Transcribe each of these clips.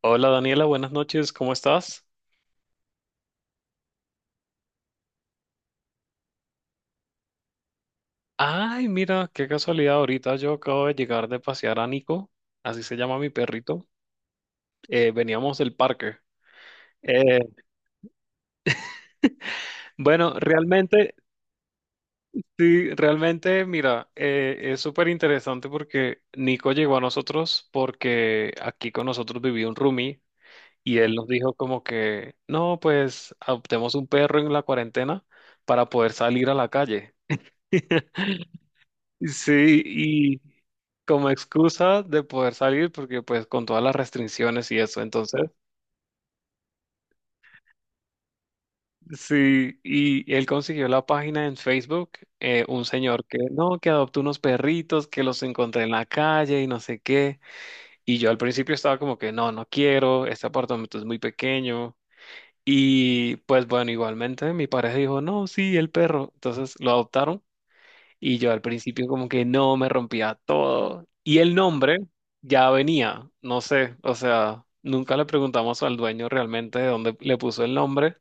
Hola Daniela, buenas noches, ¿cómo estás? Ay, mira, qué casualidad, ahorita yo acabo de llegar de pasear a Nico, así se llama mi perrito. Veníamos del parque. Eh, bueno, realmente, sí, realmente, mira, es súper interesante porque Nico llegó a nosotros porque aquí con nosotros vivía un roomie y él nos dijo como que, no, pues adoptemos un perro en la cuarentena para poder salir a la calle. Sí, y como excusa de poder salir, porque pues con todas las restricciones y eso, entonces, sí, y él consiguió la página en Facebook, un señor que no, que adoptó unos perritos, que los encontré en la calle y no sé qué, y yo al principio estaba como que no, no quiero, este apartamento es muy pequeño, y pues bueno, igualmente mi pareja dijo, no, sí, el perro, entonces lo adoptaron. Y yo al principio como que no me rompía todo. Y el nombre ya venía, no sé, o sea, nunca le preguntamos al dueño realmente de dónde le puso el nombre,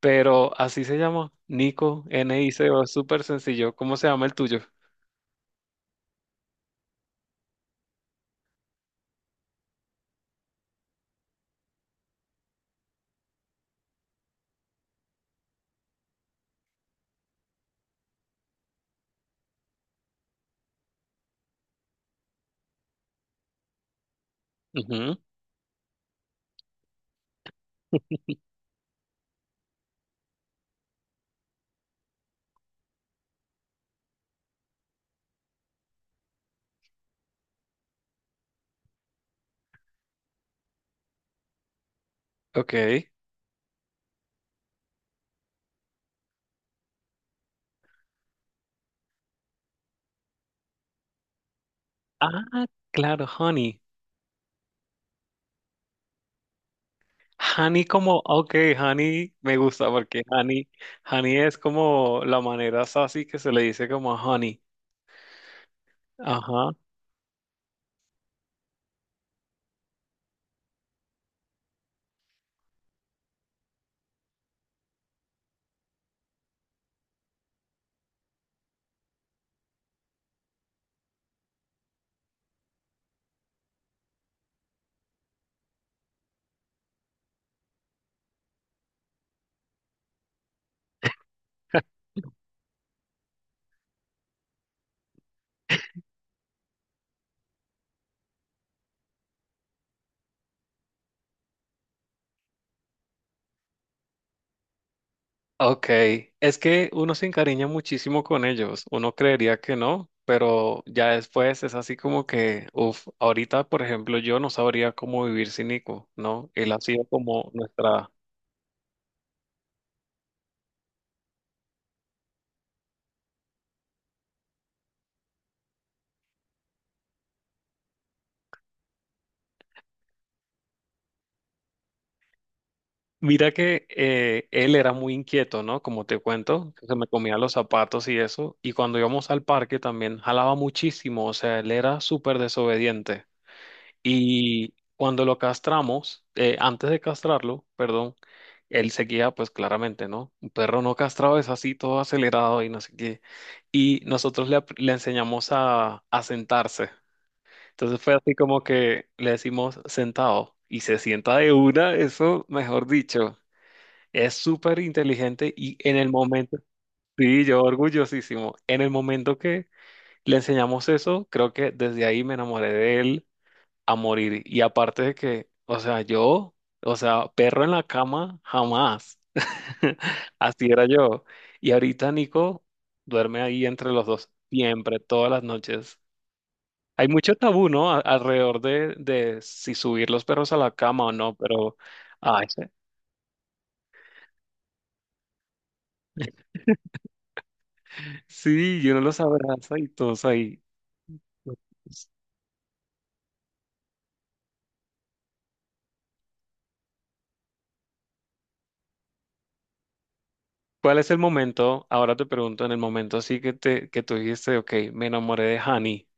pero así se llama, Nico, Nico, es súper sencillo. ¿Cómo se llama el tuyo? Ujú. Ok. Ah, claro, honey. Honey como, ok, honey me gusta porque honey, honey es como la manera sassy que se le dice como a honey. Ajá. Ok, es que uno se encariña muchísimo con ellos, uno creería que no, pero ya después es así como que, uff, ahorita por ejemplo yo no sabría cómo vivir sin Nico, ¿no? Él ha sido como nuestra... Mira que él era muy inquieto, ¿no? Como te cuento, que se me comía los zapatos y eso, y cuando íbamos al parque también jalaba muchísimo, o sea, él era súper desobediente. Y cuando lo castramos, antes de castrarlo, perdón, él seguía, pues claramente, ¿no? Un perro no castrado es así, todo acelerado y no sé qué. Y nosotros le enseñamos a sentarse. Entonces fue así como que le decimos sentado y se sienta de una, eso, mejor dicho, es súper inteligente y en el momento, sí, yo orgullosísimo, en el momento que le enseñamos eso, creo que desde ahí me enamoré de él a morir. Y aparte de que, o sea, yo, o sea, perro en la cama, jamás. Así era yo. Y ahorita Nico duerme ahí entre los dos, siempre, todas las noches. Hay mucho tabú, ¿no? Alrededor de, si subir los perros a la cama o no, pero, ay, sí, y uno los abraza y todos ahí. ¿Cuál es el momento? Ahora te pregunto, en el momento así que te que tú dijiste, ok, me enamoré de Hani.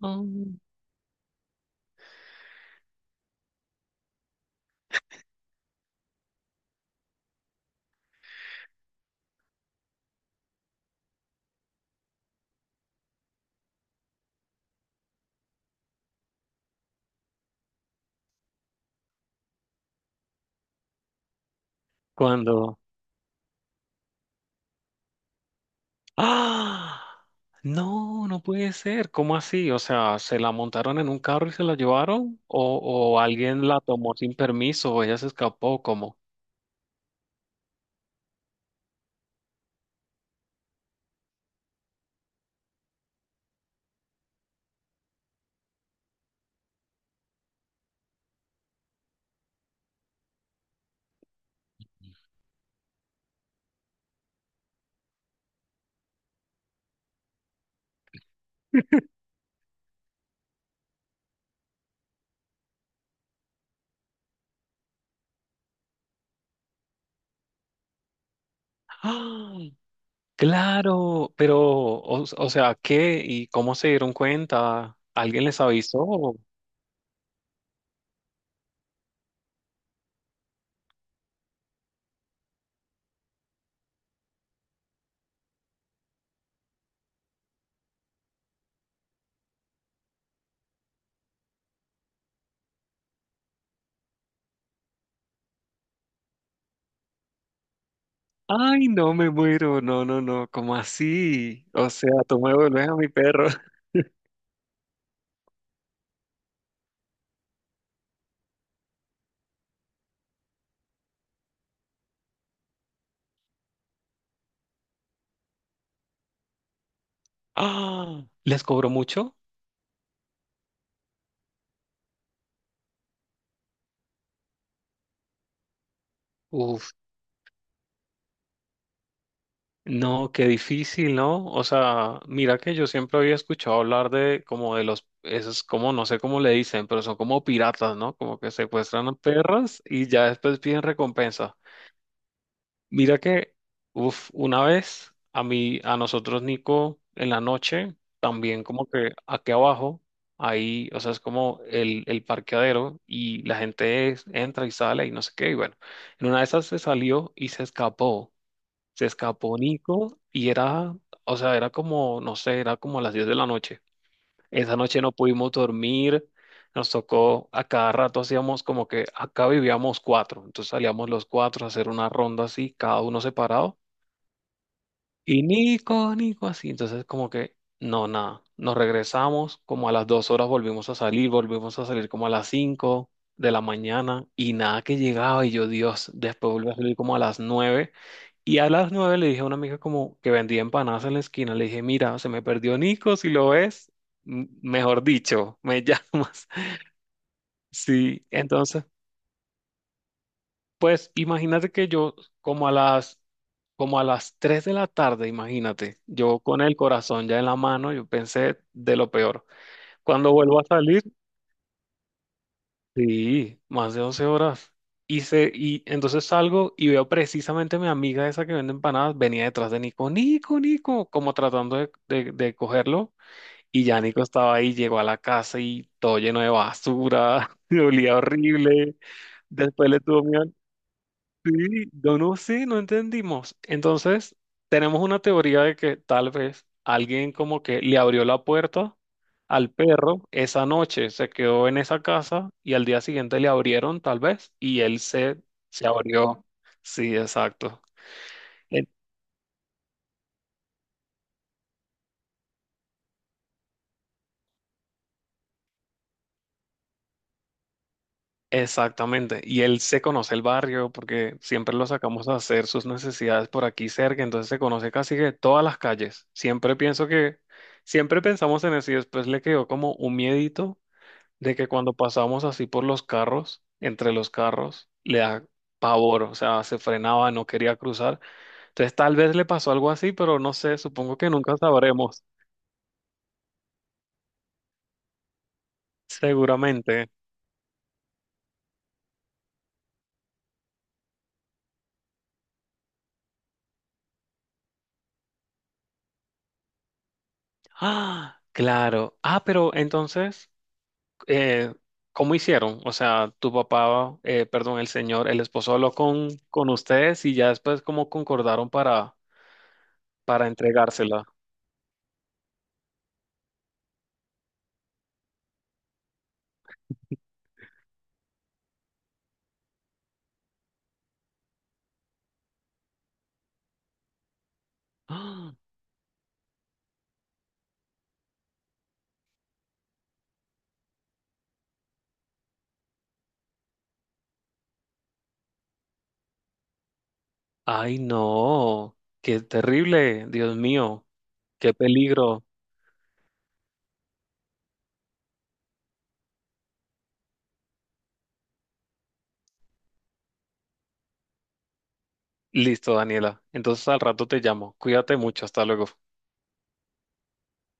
Mm. Cuando ¡ah! No, no puede ser. ¿Cómo así? O sea, ¿se la montaron en un carro y se la llevaron? O alguien la tomó sin permiso o ella se escapó? ¿Cómo? ¡Ah! Claro, pero, o sea, ¿qué? ¿Y cómo se dieron cuenta? ¿Alguien les avisó? Ay, no me muero. No, no, no. ¿Cómo así? O sea, tú me devuelves a mi perro. ¡Ah! ¿Les cobró mucho? Uf. No, qué difícil, ¿no? O sea, mira que yo siempre había escuchado hablar de como de los, esos como, no sé cómo le dicen, pero son como piratas, ¿no? Como que secuestran a perras y ya después piden recompensa. Mira que, uff, una vez a mí, a nosotros, Nico, en la noche, también como que aquí abajo, ahí, o sea, es como el parqueadero y la gente entra y sale y no sé qué, y bueno, en una de esas se salió y se escapó. Se escapó Nico y era, o sea, era como, no sé, era como las 10 de la noche. Esa noche no pudimos dormir, nos tocó, a cada rato hacíamos como que acá vivíamos cuatro, entonces salíamos los cuatro a hacer una ronda así, cada uno separado, y Nico, Nico, así. Entonces, como que, no, nada. Nos regresamos, como a las 2 horas volvimos a salir como a las 5 de la mañana y nada que llegaba. Y yo, Dios, después volví a salir como a las 9. Y a las 9 le dije a una amiga como que vendía empanadas en la esquina, le dije, mira, se me perdió Nico, si lo ves, mejor dicho, me llamas. Sí, entonces pues imagínate que yo como a las como a las 3 de la tarde, imagínate, yo con el corazón ya en la mano, yo pensé de lo peor. Cuando vuelvo a salir, sí, más de 11 horas. Y, se, y entonces salgo y veo precisamente a mi amiga esa que vende empanadas, venía detrás de Nico, Nico, Nico, como tratando de cogerlo. Y ya Nico estaba ahí, llegó a la casa y todo lleno de basura, y olía horrible. Después le tuvo miedo. Sí, yo no, sé, no entendimos. Entonces, tenemos una teoría de que tal vez alguien como que le abrió la puerta al perro esa noche, se quedó en esa casa y al día siguiente le abrieron tal vez y él se abrió. Sí, exacto. E- Exactamente. Y él se conoce el barrio porque siempre lo sacamos a hacer sus necesidades por aquí cerca, entonces se conoce casi que todas las calles. Siempre pensamos en eso y después le quedó como un miedito de que cuando pasamos así por los carros, entre los carros, le da pavor, o sea, se frenaba, no quería cruzar. Entonces tal vez le pasó algo así, pero no sé, supongo que nunca sabremos, seguramente. Ah, claro. Ah, pero entonces, eh, ¿cómo hicieron? O sea, tu papá, perdón, el señor, el esposo habló con ustedes y ya después cómo concordaron para entregársela. Ah, ay, no, qué terrible, Dios mío, qué peligro. Listo, Daniela. Entonces al rato te llamo. Cuídate mucho. Hasta luego.